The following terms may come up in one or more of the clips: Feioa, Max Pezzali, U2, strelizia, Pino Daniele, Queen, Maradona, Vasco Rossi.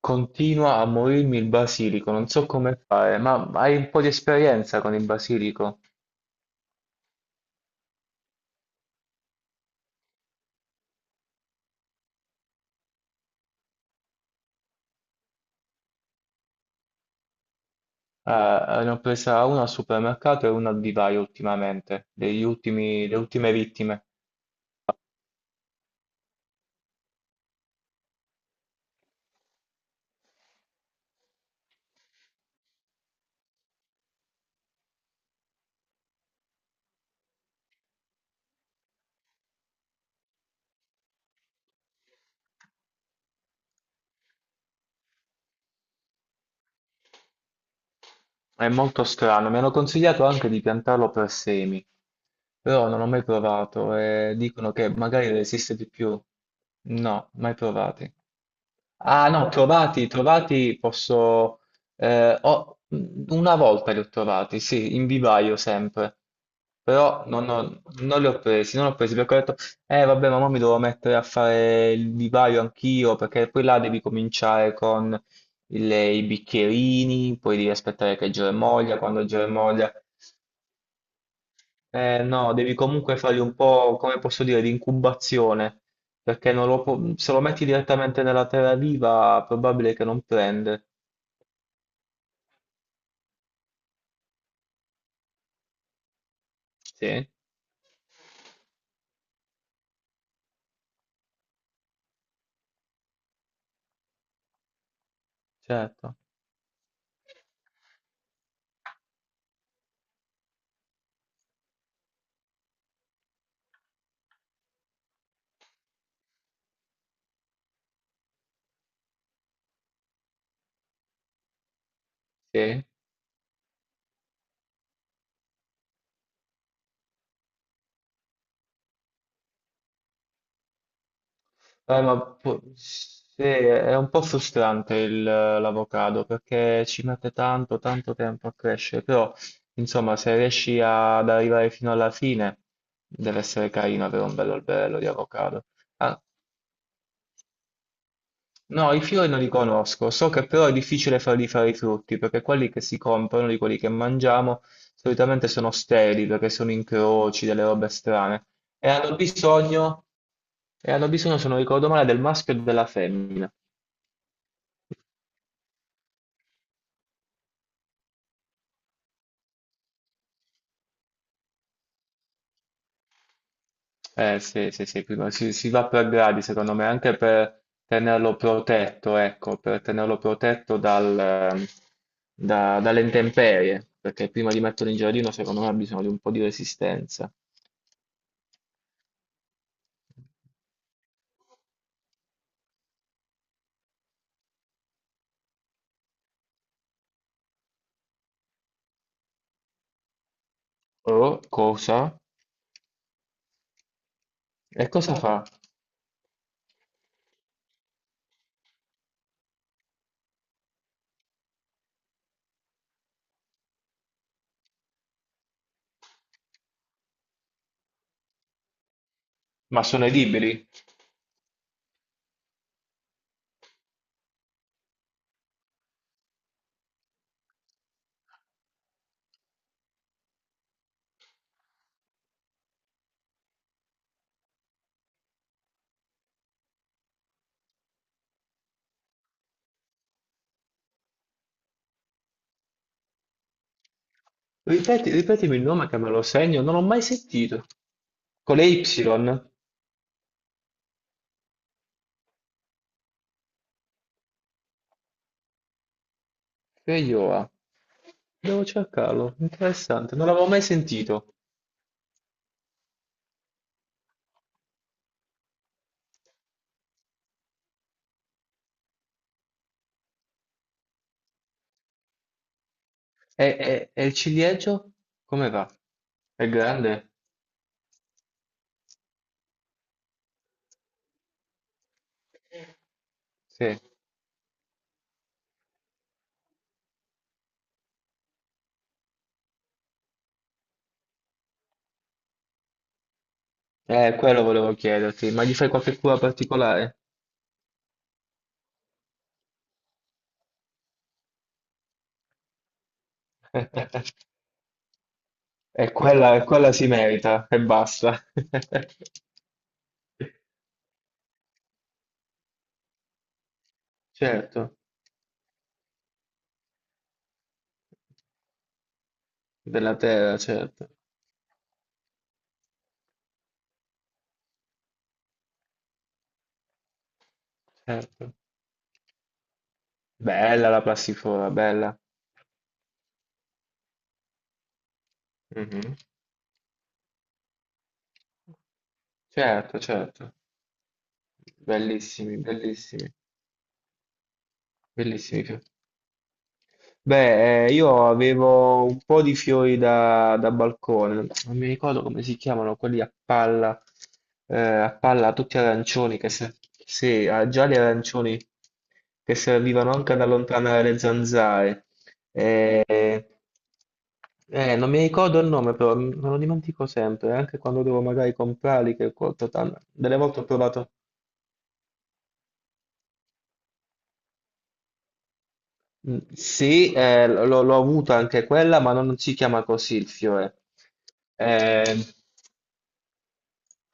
Continua a morirmi il basilico, non so come fare, ma hai un po' di esperienza con il basilico? Eh, ne ho presa una al supermercato e una al vivaio ultimamente, degli le ultime vittime. È molto strano, mi hanno consigliato anche di piantarlo per semi, però non ho mai provato e dicono che magari resiste di più. No, mai provati. Ah no, trovati, trovati posso... eh, ho- una volta li ho trovati, sì, in vivaio sempre, però non li ho presi, non li ho presi perché ho detto, eh vabbè, ma mo mi devo mettere a fare il vivaio anch'io, perché poi là devi cominciare con i bicchierini, poi devi aspettare che germoglia, quando germoglia no, devi comunque fargli un po', come posso dire, di incubazione, perché non lo pu- se lo metti direttamente nella terra viva, è probabile che non prende. Sì, certo, sì. Sì, è un po' frustrante l'avocado, perché ci mette tanto, tanto tempo a crescere, però, insomma, se riesci ad arrivare fino alla fine, deve essere carino avere un bello alberello di avocado. Ah, no, i fiori non li conosco, so che però è difficile farli fare i frutti, perché quelli che si comprano, di quelli che mangiamo, solitamente sono steli, perché sono incroci, delle robe strane, e hanno bisogno, e hanno bisogno, se non ricordo male, del maschio e della femmina. Sì, sì, sì, si, si va per gradi, secondo me, anche per tenerlo protetto, ecco, per tenerlo protetto dalle intemperie, perché prima di metterlo in giardino, secondo me, ha bisogno di un po' di resistenza. Oh, cosa? E cosa fa? Ma sono i liberi? Ripeti, ripetimi il nome che me lo segno, non l'ho mai sentito. Con le Y? Feioa. Devo cercarlo, interessante, non l'avevo mai sentito. E il ciliegio? Come va? È grande? Sì. Quello volevo chiederti, ma gli fai qualche cura particolare? E quella, quella si merita e basta. Certo. Della terra, certo, certo. Bella la passiflora, bella. Mhm. Certo, certo. Bellissimi, bellissimi, bellissimi. Beh, io avevo un po' di fiori da, da balcone, non mi ricordo come si chiamano, quelli a palla tutti arancioni, che se, sì, ah, gialli e arancioni, che servivano anche ad allontanare le zanzare. Eh, non mi ricordo il nome, però me lo dimentico sempre, anche quando devo magari comprarli, che delle volte ho provato. Mm, sì, l'ho avuta anche quella, ma non si chiama così il fiore. Eh,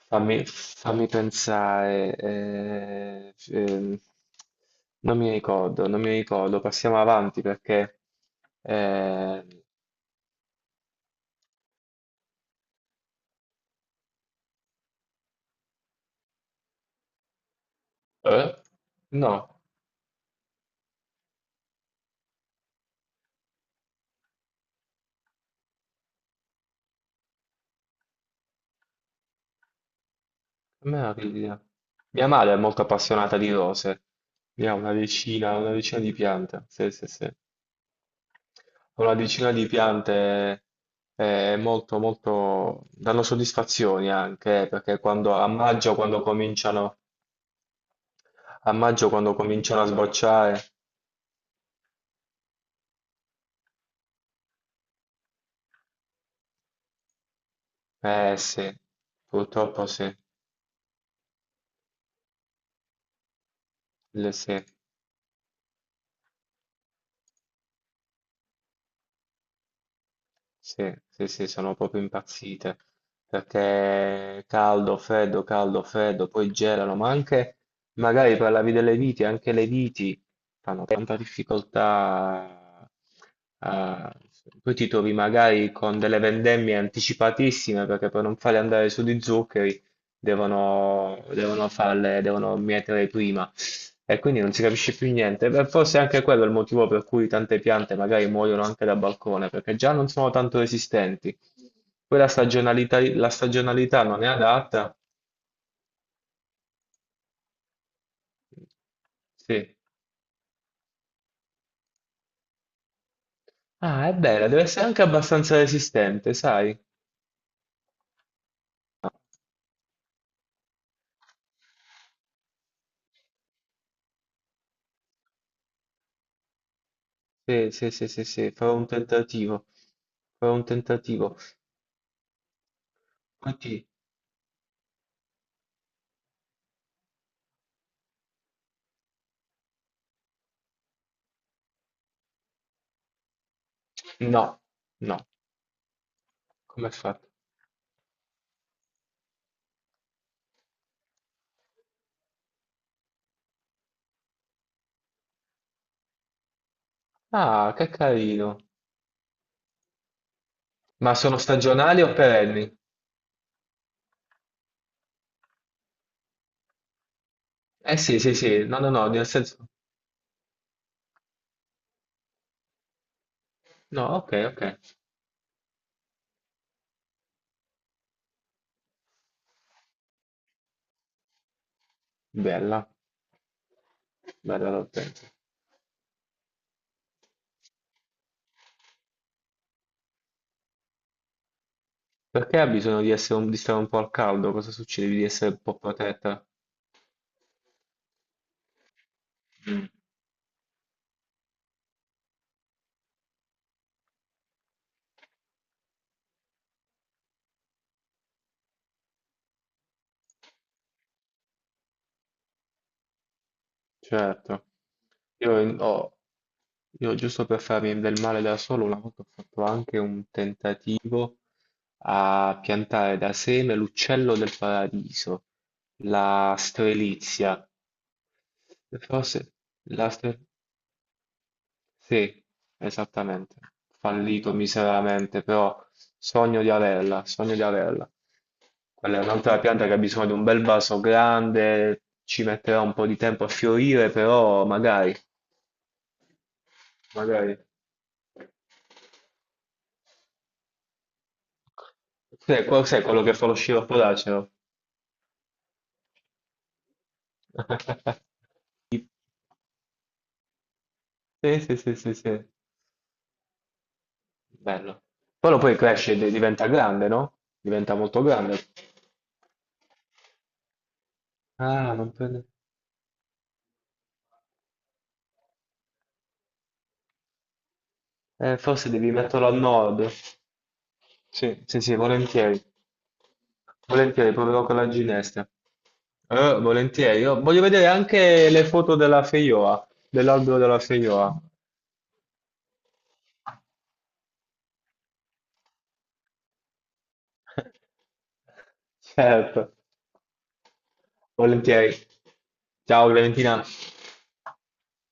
fammi, fammi pensare. Non mi ricordo, non mi ricordo. Passiamo avanti perché... eh, eh? No, meraviglia. Mia madre è molto appassionata di rose. Ne ha una decina di piante. Sì, sì, sì. Una decina di piante è molto, molto, danno soddisfazioni anche, perché a maggio quando cominciano, a maggio quando cominciano a sbocciare, eh sì, purtroppo sì, sì. Sì, sì, sì, sono proprio impazzite perché caldo, freddo, poi gelano, ma anche magari parlavi delle viti, anche le viti fanno tanta difficoltà. Eh, poi ti trovi magari con delle vendemmie anticipatissime perché per non farle andare su di zuccheri devono, devono farle, devono mietere prima e quindi non si capisce più niente. Beh, forse anche quello è il motivo per cui tante piante magari muoiono anche da balcone, perché già non sono tanto resistenti. Poi la stagionalità non è adatta. Sì. Ah, è bella, deve essere anche abbastanza resistente, sai? Sì, sì, sì, sì, sì, farò un tentativo. Farò un tentativo. Poi ti- No, no, come è fatto? Ah, che carino. Ma sono stagionali o perenni? Eh sì, sì, sì, no, no, no, nel senso... No, ok, ok. Bella, bella l'altezza. Perché ha bisogno di essere di stare un po' al caldo? Cosa succede? Devi essere un po' protetta? Mm, certo. Io, in- ho- io giusto per farmi del male da solo, una volta ho fatto anche un tentativo a piantare da seme l'uccello del paradiso, la strelizia. Forse... La strelizia sì, esattamente. Fallito miseramente, però sogno di averla, sogno di averla. Quella è un'altra pianta che ha bisogno di un bel vaso grande, ci metterà un po' di tempo a fiorire, però magari, magari. Sì, sai quello che fa lo sciroppo d'acero? Sì, sì, sì, sì, sì. Bello. Quello poi cresce e diventa grande, no? Diventa molto grande. Ah, non prende. Forse devi metterlo al nord. Sì, sì, sì, volentieri. Volentieri, proverò con la ginestra. Volentieri. Io voglio vedere anche le foto della Feioa, dell'albero della Feioa. Certo, volentieri. Ciao Valentina.